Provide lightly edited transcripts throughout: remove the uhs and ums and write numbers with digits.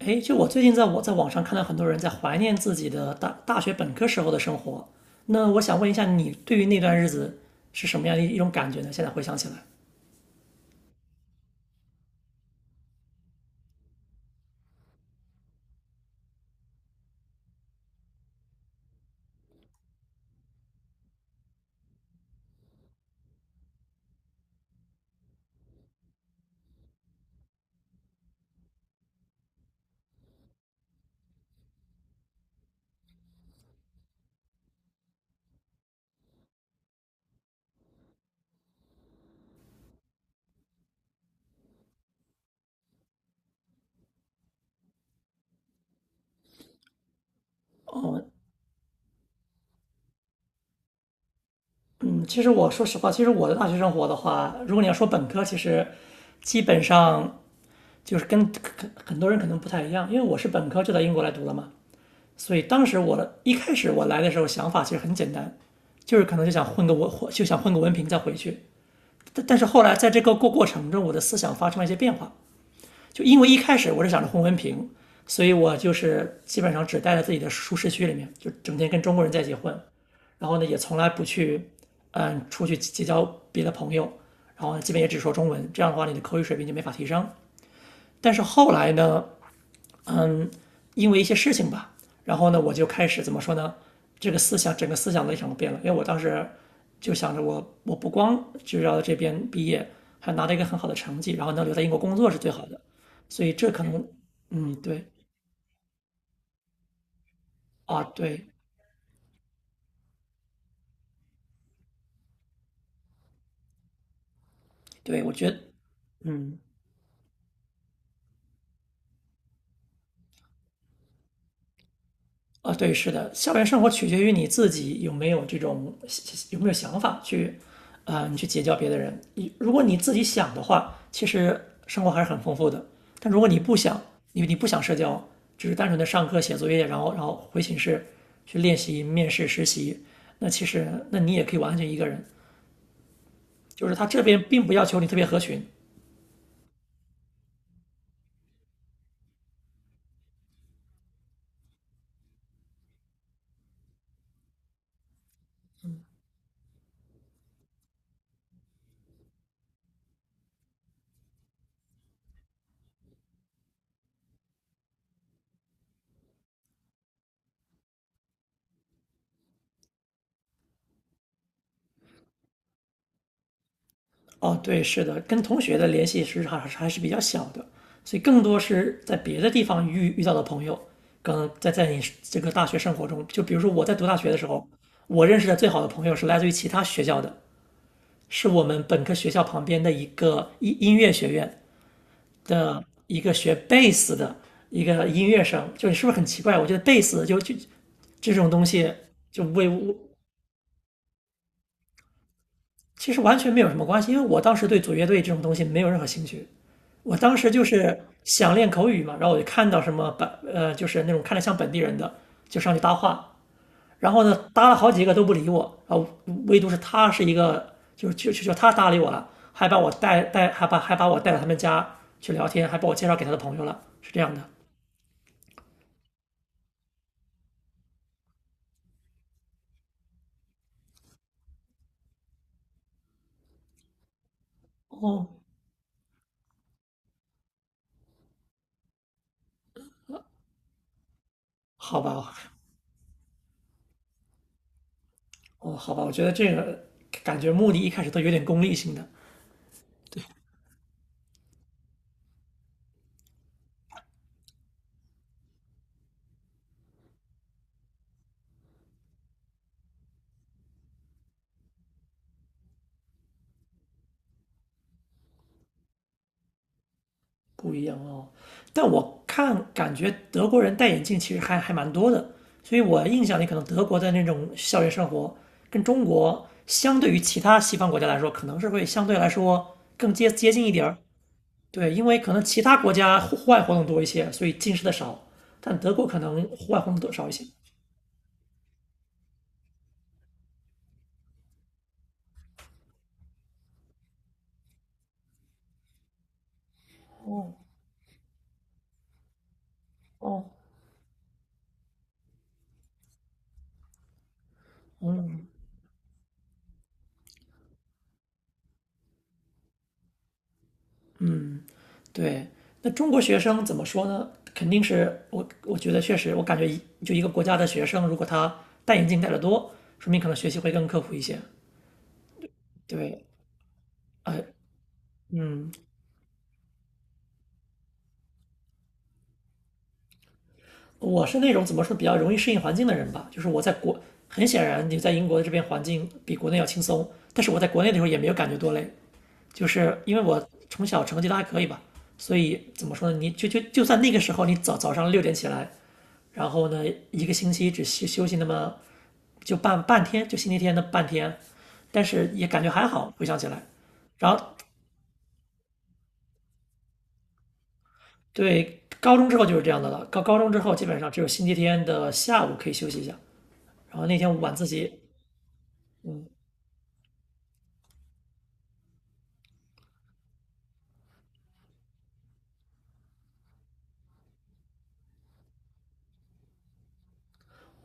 哎，就我最近我在网上看到很多人在怀念自己的大学本科时候的生活，那我想问一下，你对于那段日子是什么样的一种感觉呢？现在回想起来，哦，嗯，其实我说实话，其实我的大学生活的话，如果你要说本科，其实基本上就是跟很多人可能不太一样，因为我是本科就到英国来读了嘛，所以当时一开始我来的时候想法其实很简单，就是可能就想混个文，就想混个文凭再回去。但是后来在这个过程中，我的思想发生了一些变化，就因为一开始我是想着混文凭，所以我就是基本上只待在自己的舒适区里面，就整天跟中国人在一起混，然后呢也从来不去，出去结交别的朋友，然后呢基本也只说中文，这样的话你的口语水平就没法提升。但是后来呢，嗯，因为一些事情吧，然后呢，我就开始怎么说呢？这个思想，整个思想的立场都变了。因为我当时就想着我不光就要在这边毕业，还拿到一个很好的成绩，然后能留在英国工作是最好的。所以这可能，嗯，对啊，对对，我觉得，嗯。啊，对，是的，校园生活取决于你自己有没有想法去，啊、你去结交别的人。你如果你自己想的话，其实生活还是很丰富的。但如果你不想，因为你不想社交，只是单纯的上课写作业，然后回寝室去练习、面试、实习，那其实那你也可以完全一个人。就是他这边并不要求你特别合群，哦，对，是的，跟同学的联系实际上还是比较小的，所以更多是在别的地方遇到的朋友，可能在你这个大学生活中，就比如说我在读大学的时候，我认识的最好的朋友是来自于其他学校的，是我们本科学校旁边的一个音乐学院的一个学贝斯的一个音乐生，就是是不是很奇怪？我觉得贝斯就这种东西就为我其实完全没有什么关系，因为我当时对组乐队这种东西没有任何兴趣。我当时就是想练口语嘛，然后我就看到什么就是那种看着像本地人的，就上去搭话。然后呢，搭了好几个都不理我，啊，唯独是他是一个，就是就就就他搭理我了，还把我带到他们家去聊天，还把我介绍给他的朋友了，是这样的。哦，好吧，哦，好吧，我觉得这个感觉目的一开始都有点功利性的，不一样哦。但我看感觉德国人戴眼镜其实还蛮多的，所以我印象里可能德国的那种校园生活跟中国相对于其他西方国家来说，可能是会相对来说更接近一点儿。对，因为可能其他国家户外活动多一些，所以近视的少，但德国可能户外活动多少一些。哦哦，嗯嗯。对，那中国学生怎么说呢？肯定是我觉得确实，我感觉就一个国家的学生，如果他戴眼镜戴得多，说明可能学习会更刻苦一些。对，呃，嗯，我是那种怎么说比较容易适应环境的人吧，就是我在国，很显然你在英国的这边环境比国内要轻松，但是我在国内的时候也没有感觉多累，就是因为我从小成绩都还可以吧，所以怎么说呢？你就算那个时候你早早上六点起来，然后呢一个星期只休息那么就半天，就星期天的半天，但是也感觉还好，回想起来。然后对高中之后就是这样的了，高中之后基本上只有星期天的下午可以休息一下，然后那天晚自习，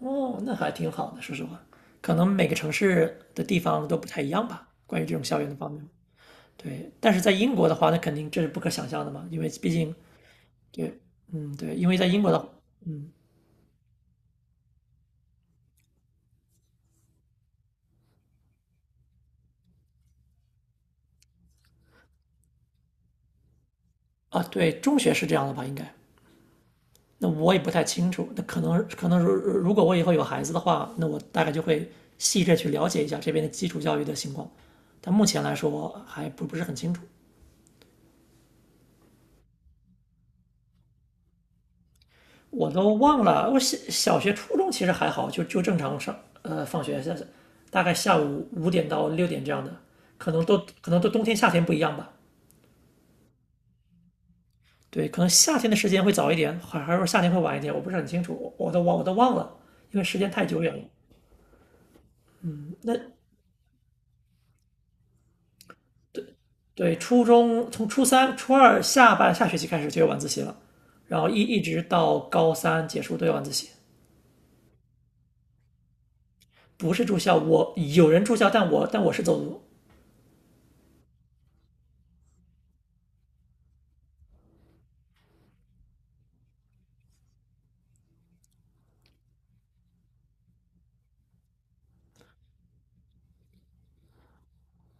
哦，那还挺好的，说实话，可能每个城市的地方都不太一样吧，关于这种校园的方面。对，但是在英国的话，那肯定这是不可想象的嘛，因为毕竟对，嗯，对，因为在英国的啊，对，中学是这样的吧，应该。那我也不太清楚，那可能如果我以后有孩子的话，那我大概就会细致去了解一下这边的基础教育的情况，但目前来说还不是很清楚，我都忘了，我小学、初中其实还好，就正常上放学下，大概下午5点到6点这样的，可能都冬天夏天不一样吧。对，可能夏天的时间会早一点，还是说夏天会晚一点，我不是很清楚，我都忘了，因为时间太久远了。那对，初中从初三、初二下学期开始就有晚自习了，然后一直到高三结束都有晚自习，不是住校，我有人住校，但我是走读，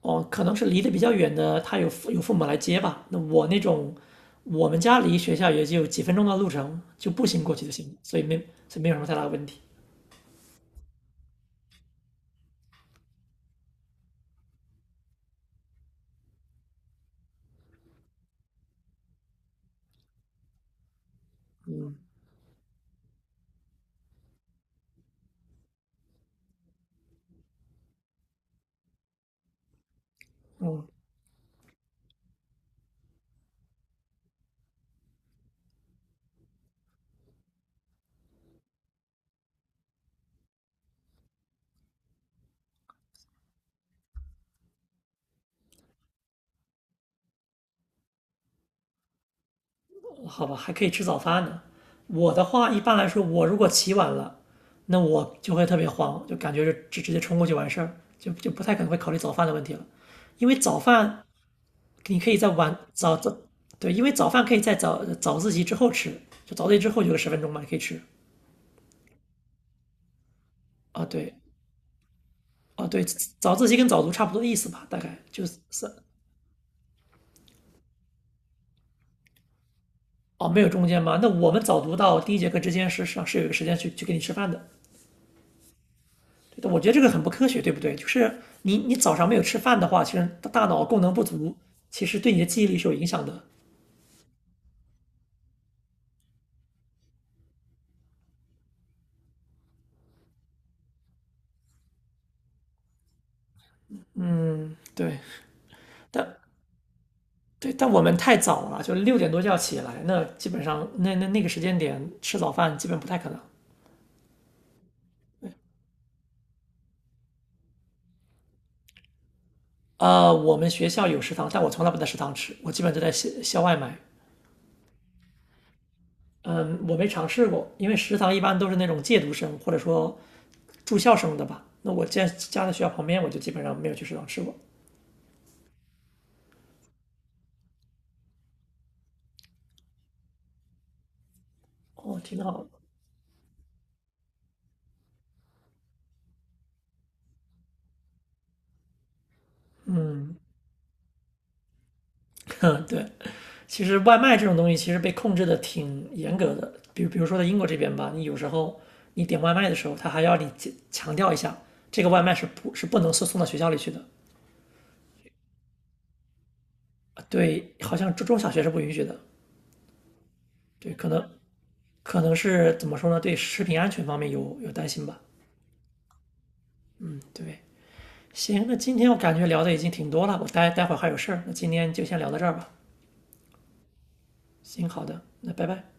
哦，可能是离得比较远的，他有父母来接吧。那我那种，我们家离学校也就几分钟的路程，就步行过去就行，所以没有什么太大的问题。嗯，好吧，还可以吃早饭呢。我的话，一般来说，我如果起晚了，那我就会特别慌，就感觉就直接冲过去完事儿，就不太可能会考虑早饭的问题了，因为早饭你可以在晚早早，对，因为早饭可以在早自习之后吃，就早自习之后有个10分钟嘛，可以吃。啊，对，啊对，早自习跟早读差不多意思吧，大概就是三哦，没有中间吗？那我们早读到第一节课之间是上是有一个时间去给你吃饭的，对的我觉得这个很不科学，对不对？就是你早上没有吃饭的话，其实大脑功能不足，其实对你的记忆力是有影响的。对，但对，但我们太早了，就6点多就要起来，那基本上那个时间点吃早饭基本不太可能。我们学校有食堂，但我从来不在食堂吃，我基本都在校外买。嗯，我没尝试过，因为食堂一般都是那种借读生或者说住校生的吧。那我家在学校旁边，我就基本上没有去食堂吃过。哦，对，其实外卖这种东西其实被控制的挺严格的，比如说在英国这边吧，你有时候你点外卖的时候，他还要你强调一下，这个外卖是不是不能送到学校里去的？对，好像中小学是不允许的。对，可能是怎么说呢？对食品安全方面有担心吧。嗯，对。行，那今天我感觉聊的已经挺多了，我待会儿还有事儿，那今天就先聊到这儿吧。行，好的，那拜拜。